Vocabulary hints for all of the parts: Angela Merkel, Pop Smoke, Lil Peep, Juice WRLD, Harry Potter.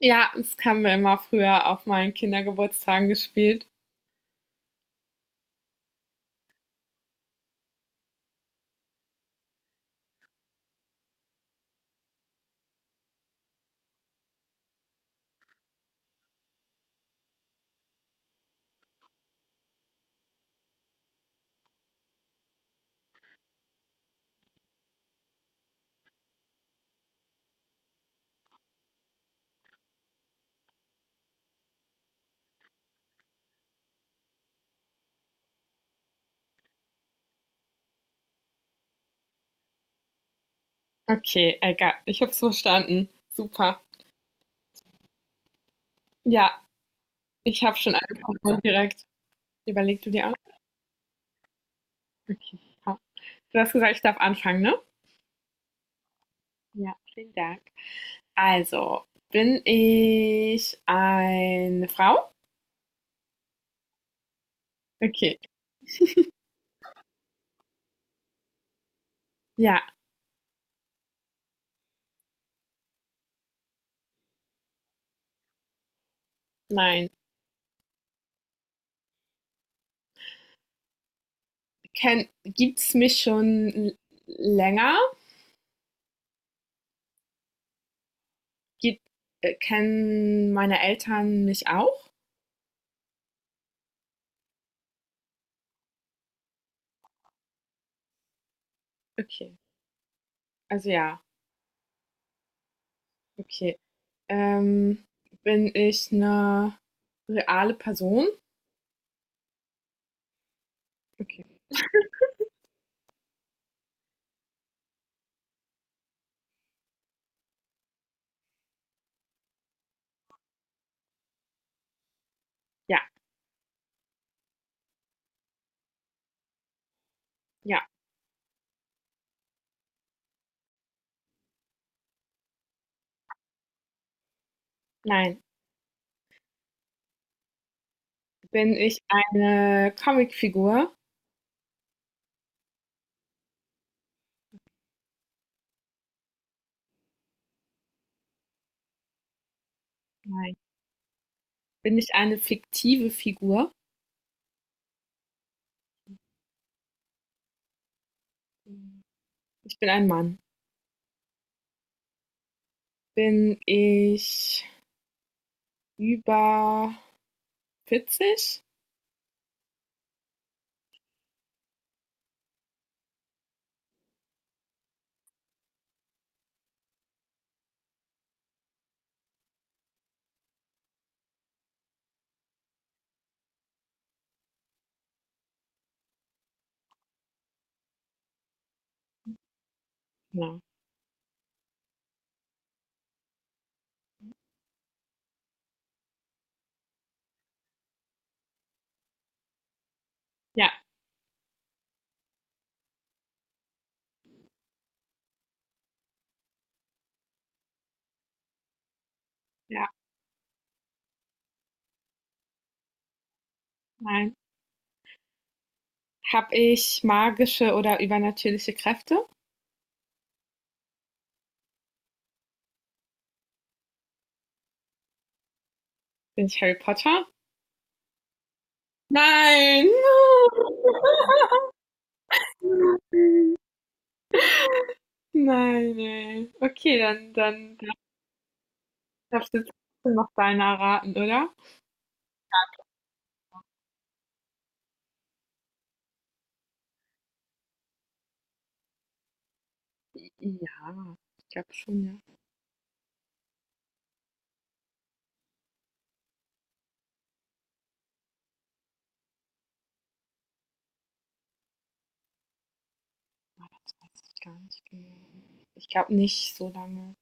Ja, das haben wir immer früher auf meinen Kindergeburtstagen gespielt. Okay, egal. Ich hab's verstanden. Super. Ja, ich habe schon angefangen und direkt. Überlegst du dir auch? Okay. Ja. Du hast gesagt, ich darf anfangen, ne? Ja, vielen Dank. Also, bin ich eine Frau? Okay. Ja, nein. Gibt's mich schon länger? Gibt, kennen meine Eltern mich auch? Okay. Also ja. Okay. Ähm, bin ich eine reale Person? Okay. Ja, ja, nein. Bin ich eine Comicfigur? Nein. Bin ich eine fiktive Figur? Hm, ich bin ein Mann. Bin ich über vierzig? Ja. Ja, ja, nein. Hab ich magische oder übernatürliche Kräfte? Bin ich Harry Potter? Nein. Nein, ey. Okay, dann darfst du jetzt trotzdem noch deinen erraten, oder? Ja, ich glaube schon, ja. Das weiß ich gar nicht genau. Ich glaube nicht so lange.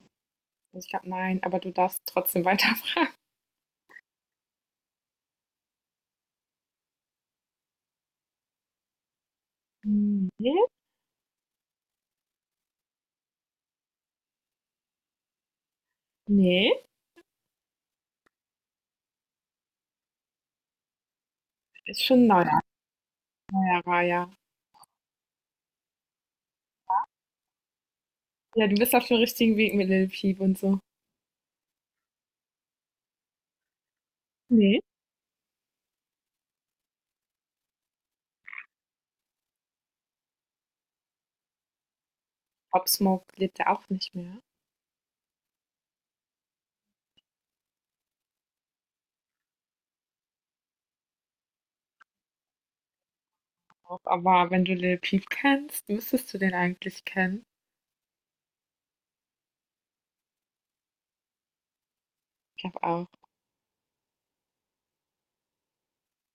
Also, ich glaube, nein, aber du darfst trotzdem weiterfragen. Nee, nee, ist schon neuer, neuerer, ja. Ja, du bist auf dem richtigen Weg mit Lil Peep und so. Nee, Pop Smoke lebt ja auch nicht mehr. Aber wenn du Lil Peep kennst, müsstest du den eigentlich kennen. Ich glaube auch.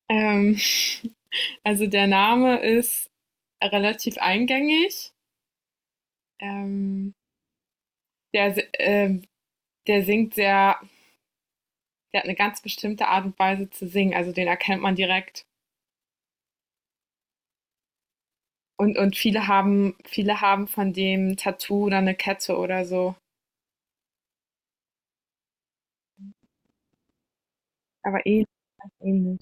Ähm, Also der Name ist relativ eingängig. Ähm, der, si- ähm, der singt sehr, der hat eine ganz bestimmte Art und Weise zu singen, also den erkennt man direkt. Und viele haben von dem ein Tattoo oder eine Kette oder so. Aber ähnlich, ähnlich.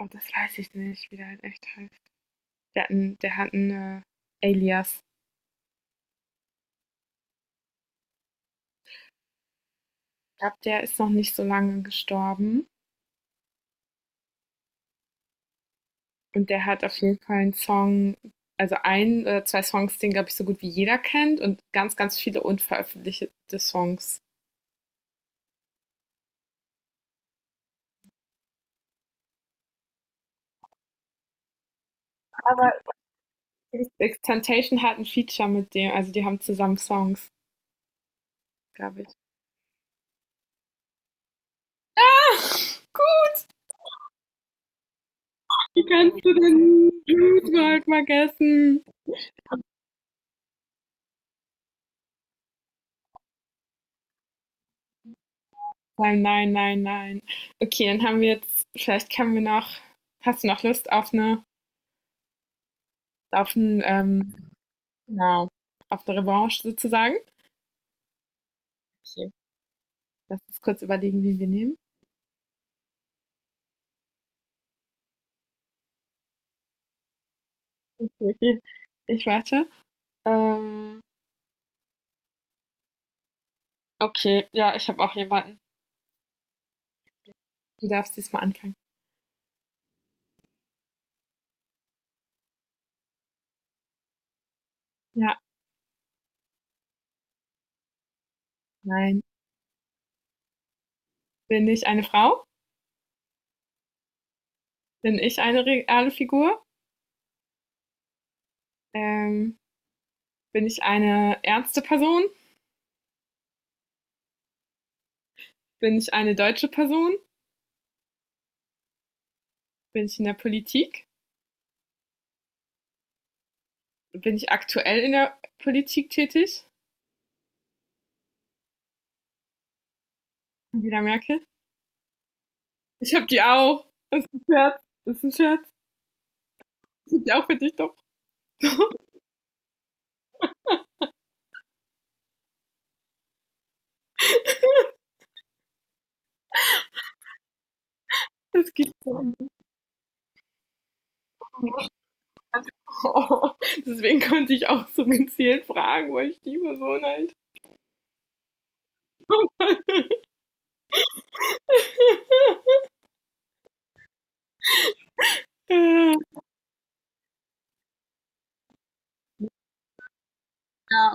Oh, das weiß ich nicht, wie der halt echt heißt. Der hat einen Alias. Ich glaube, der ist noch nicht so lange gestorben. Und der hat auf jeden Fall 'n Song, also ein oder 2 Songs, den, glaube ich, so gut wie jeder kennt und ganz, ganz viele unveröffentlichte Songs. Aber x hat ein Feature mit dem, also die haben zusammen Songs, glaube ich. Ah, gut. Wie kannst du den Juice WRLD vergessen? Nein, nein, nein, nein. Okay, dann haben wir jetzt vielleicht können wir noch hast du noch Lust auf eine, auf 'n, genau, auf eine Revanche sozusagen? Okay, lass uns kurz überlegen, wen wir nehmen. Okay, ich warte. Ähm, okay, ja, ich habe auch jemanden. Du darfst diesmal anfangen. Ja, nein. Bin ich eine Frau? Bin ich eine reale Figur? Ähm, bin ich eine ernste Person? Bin ich eine deutsche Person? Bin ich in der Politik? Bin ich aktuell in der Politik tätig? Angela Merkel? Ich habe die auch. Scherz. Das ist ein Scherz. Ich hab die auch für dich doch. Das gibt's doch nicht. Oh, deswegen konnte ich auch so gezielt fragen, wo ich die Person eigentlich ja,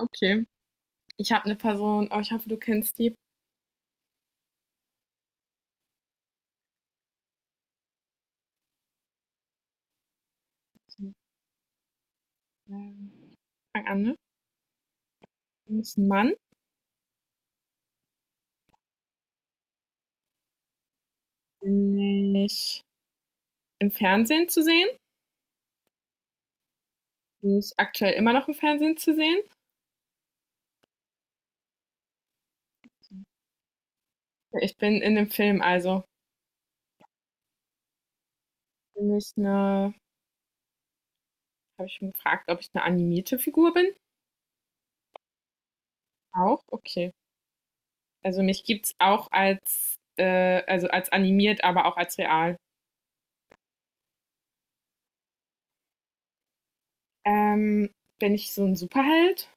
okay. Ich habe eine Person, aber ich hoffe, du kennst die. Ähm, Fang an, ne? Ist ein Mann, nicht im Fernsehen zu sehen. Die ist aktuell immer noch im Fernsehen zu sehen. Ich bin in dem Film, also bin ich eine, habe ich schon gefragt, ob ich eine animierte Figur bin? Auch, okay. Also mich gibt's auch als animiert, aber auch als real. Ähm, bin ich so ein Superheld?